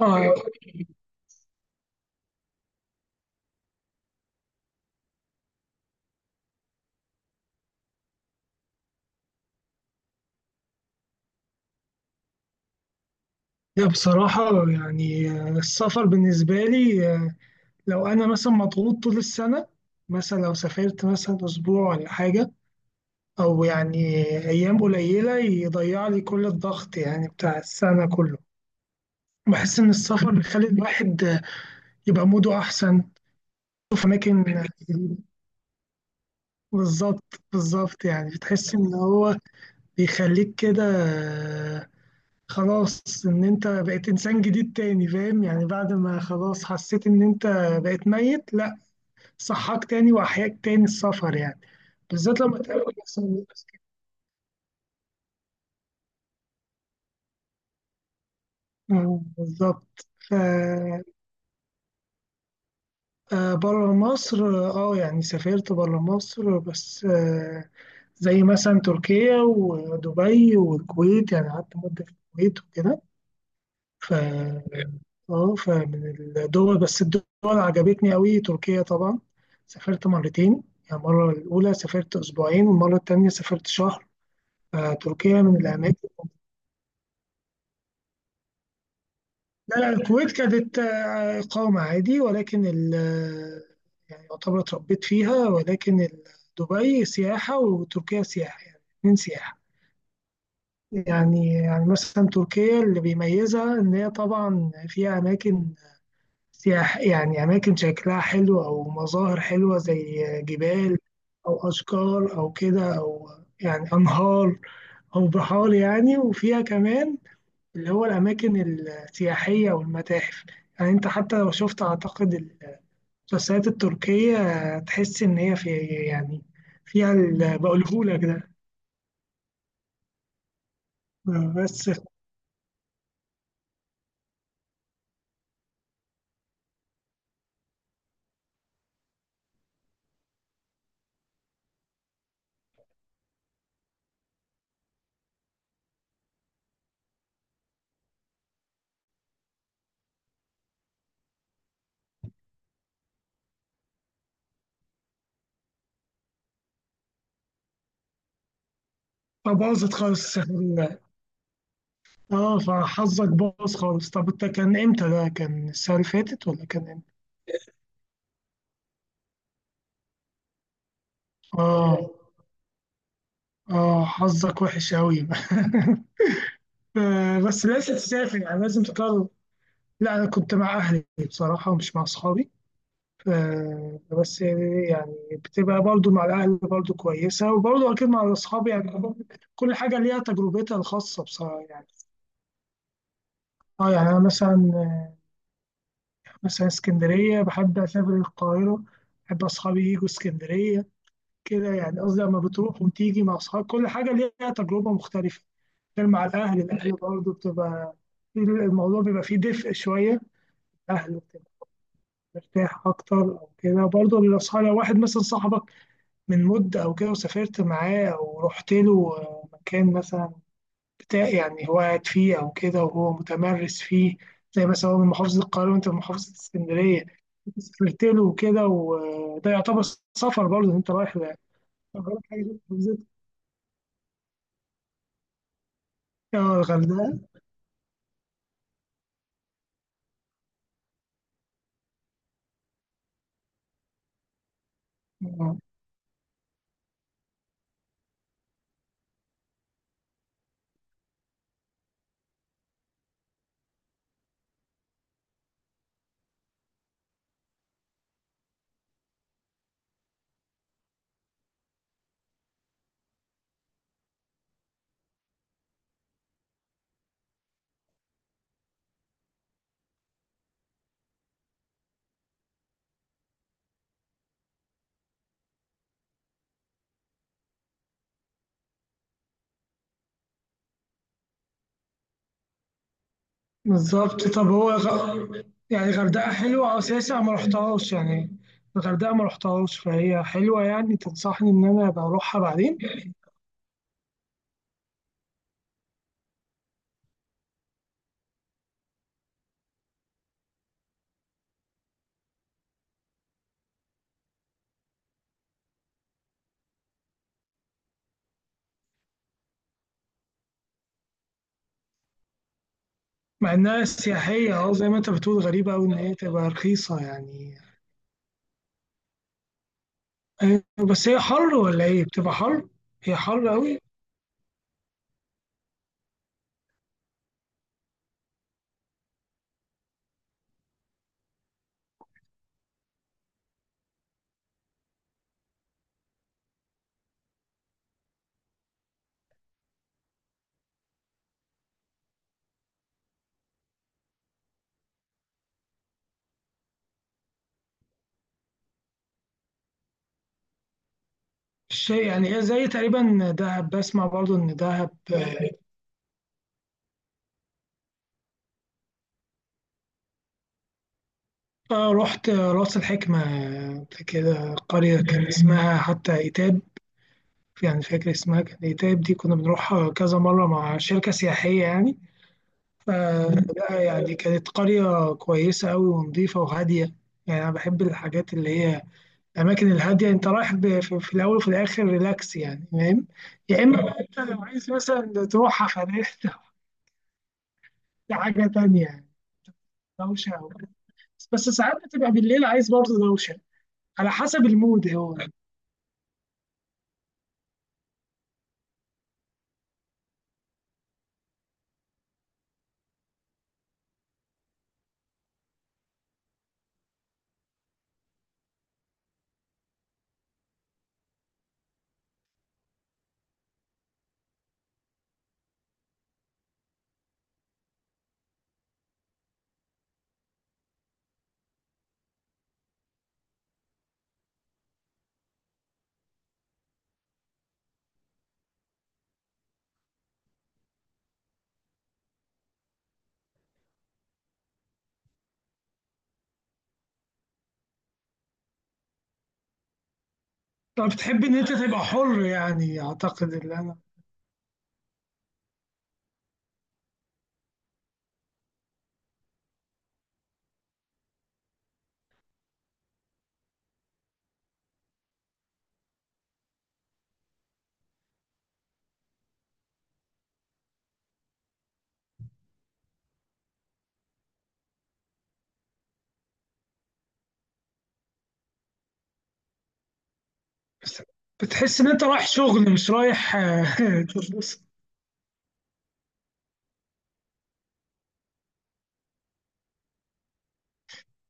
آه لا، بصراحة يعني السفر بالنسبة لي، لو أنا مثلا مضغوط طول السنة، مثلا لو سافرت مثلا أسبوع ولا حاجة، أو يعني أيام قليلة يضيع لي كل الضغط يعني بتاع السنة كله. بحس إن السفر بيخلي الواحد يبقى موده أحسن، يشوف أماكن جديدة. بالظبط، بالظبط. يعني بتحس إن هو بيخليك كده، خلاص ان انت بقيت انسان جديد تاني، فاهم؟ يعني بعد ما خلاص حسيت ان انت بقيت ميت، لا، صحاك تاني واحياك تاني السفر يعني، بالذات لما تقابل مثلا ناس كده. بالظبط. بره مصر. اه، يعني سافرت بره مصر، بس زي مثلا تركيا ودبي والكويت. يعني قعدت مدة في الكويت وكده. ف اه فمن الدول، بس الدول عجبتني قوي تركيا طبعا. سافرت مرتين، يعني المرة الأولى سافرت أسبوعين والمرة التانية سافرت شهر، فتركيا من الأماكن. لا لا، الكويت كانت إقامة عادي، ولكن يعني يعتبر اتربيت فيها، ولكن دبي سياحة وتركيا سياحة، يعني اتنين سياحة. يعني مثلا تركيا اللي بيميزها إن هي طبعا فيها أماكن سياح، يعني أماكن شكلها حلو أو مظاهر حلوة زي جبال أو أشجار أو كده، أو يعني أنهار أو بحار، يعني وفيها كمان اللي هو الأماكن السياحية والمتاحف. يعني أنت حتى لو شفت، أعتقد المسلسلات التركية تحس إن هي يعني فيها اللي بقولهولك ده. بس فباظت خالص. اه، فحظك باظ خالص. طب انت كان امتى؟ ده كان السنة اللي فاتت ولا كان امتى؟ اه اه، حظك وحش قوي. بس لازم تسافر، يعني لازم تطلع. لا، انا كنت مع اهلي بصراحه ومش مع اصحابي. بس يعني بتبقى برضو مع الاهل برضو كويسه، وبرضو اكيد مع الاصحاب. يعني كل حاجه ليها تجربتها الخاصه بصراحه يعني. اه، يعني انا مثلا مثلا اسكندريه بحب اسافر القاهره، بحب اصحابي يجوا اسكندريه كده. يعني قصدي لما بتروح وتيجي مع أصحاب كل حاجة ليها تجربة مختلفة، غير مع الأهل. الأهل برضه بتبقى الموضوع بيبقى فيه دفء شوية. الأهل بتبقى مرتاح أكتر أو كده. برضه الأصحاب، لو واحد مثلا صاحبك من مدة أو كده، وسافرت معاه أو رحت له مكان مثلا بتاع يعني هو قاعد فيه أو كده وهو متمرس فيه، زي مثلا هو من محافظة القاهرة وأنت من محافظة اسكندرية، سافرت له وكده، وده يعتبر سفر برضه، إن أنت رايح رايح حاجة، اه الغردقة. آه، بالظبط. طب هو يعني الغردقة حلوة أساسا، ما رحتهاش يعني الغردقة، ما رحتهاش، فهي حلوة. يعني تنصحني إن أنا أبقى أروحها بعدين؟ مع إنها سياحية، أه زي ما أنت بتقول، غريبة أوي إن هي تبقى رخيصة يعني. بس هي حر ولا إيه؟ بتبقى حر؟ هي حر أوي. يعني هي زي تقريبا دهب، بسمع برضو إن دهب رحت راس الحكمة كده، قرية كان اسمها حتى إيتاب. يعني فاكر اسمها كانت ايه، تايب، دي كنا بنروحها كذا مرة مع شركة سياحية يعني. فلا يعني كانت قرية كويسة أوي ونظيفة وهادية. يعني أنا بحب الحاجات اللي هي الأماكن الهادية. أنت رايح في الأول وفي الآخر ريلاكس، يعني فاهم؟ يا إما بقى أنت لو عايز مثلا تروح حفلات، دي حاجة تانية يعني، دوشة أو كده. بس ساعات بتبقى بالليل عايز برضه دوشة، على حسب المود هو. طب بتحب إن أنت تبقى حر؟ يعني أعتقد اللي أنا، بس بتحس ان انت رايح شغل، مش رايح تدرس.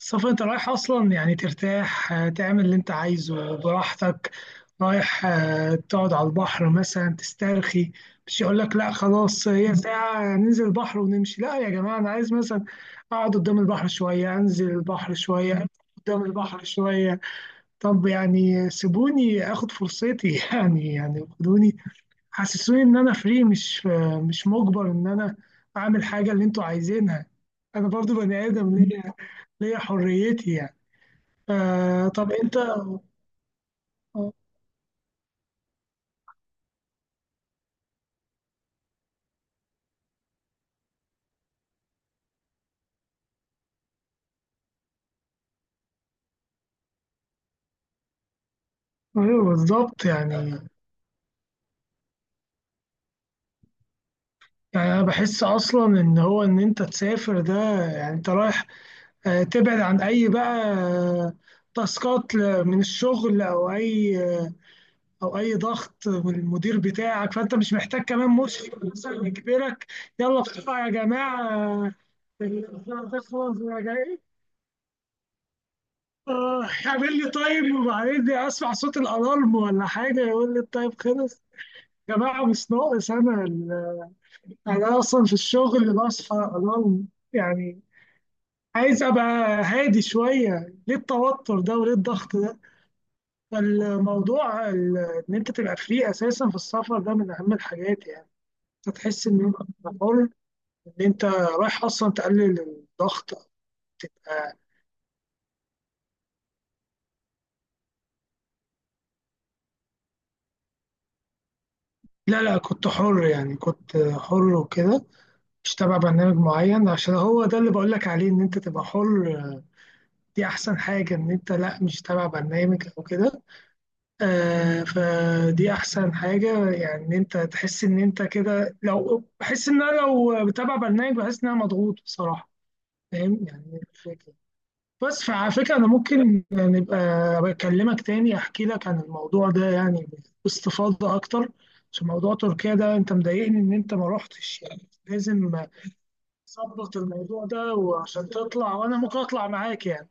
السفر انت رايح اصلا يعني ترتاح، تعمل اللي انت عايزه براحتك. رايح تقعد على البحر مثلا، تسترخي. مش يقول لك لا خلاص، هي ساعة ننزل البحر ونمشي. لا يا جماعة، انا عايز مثلا اقعد قدام البحر شوية، انزل البحر شوية، قدام البحر شوية. طب يعني سيبوني اخد فرصتي. يعني خدوني، حسسوني ان انا فري، مش مجبر ان انا اعمل حاجه اللي انتوا عايزينها. انا برضو بني ادم، ليا حريتي يعني. طب انت، ايوه بالظبط يعني. يعني انا بحس اصلا ان هو ان انت تسافر ده، يعني انت رايح تبعد عن اي بقى تاسكات من الشغل، او اي او اي ضغط، والمدير بتاعك، فانت مش محتاج كمان مشرف مثلا يجبرك: يلا بسرعه يا جماعه، الإذاعة تخلص وأنا جاي. يعمل لي تايم، وبعدين اسمع صوت الالارم ولا حاجه يقول لي التايم خلص. يا جماعه مش ناقص انا انا اصلا في الشغل بصحى الارم. يعني عايز ابقى هادي شويه، ليه التوتر ده وليه الضغط ده؟ فالموضوع ان انت تبقى فري اساسا في السفر، ده من اهم الحاجات يعني. هتحس ان انت حر، ان انت رايح اصلا تقلل الضغط. آه، لا لا، كنت حر، يعني كنت حر وكده، مش تابع برنامج معين. عشان هو ده اللي بقول لك عليه، ان انت تبقى حر دي احسن حاجة، ان انت لا مش تابع برنامج او كده. فدي احسن حاجة، يعني ان انت تحس ان انت كده. لو بحس ان انا لو بتابع برنامج بحس ان انا مضغوط بصراحة، فاهم يعني الفكرة. بس فعلى فكرة، أنا ممكن نبقى بكلمك تاني، أحكي لك عن الموضوع ده يعني باستفاضة أكتر، عشان موضوع تركيا ده أنت مضايقني إن أنت ما رحتش، يعني لازم تظبط الموضوع ده، وعشان تطلع وأنا ممكن أطلع معاك يعني.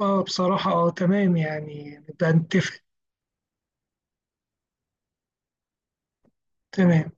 أه بصراحة، أه تمام، يعني نبقى نتفق. تمام.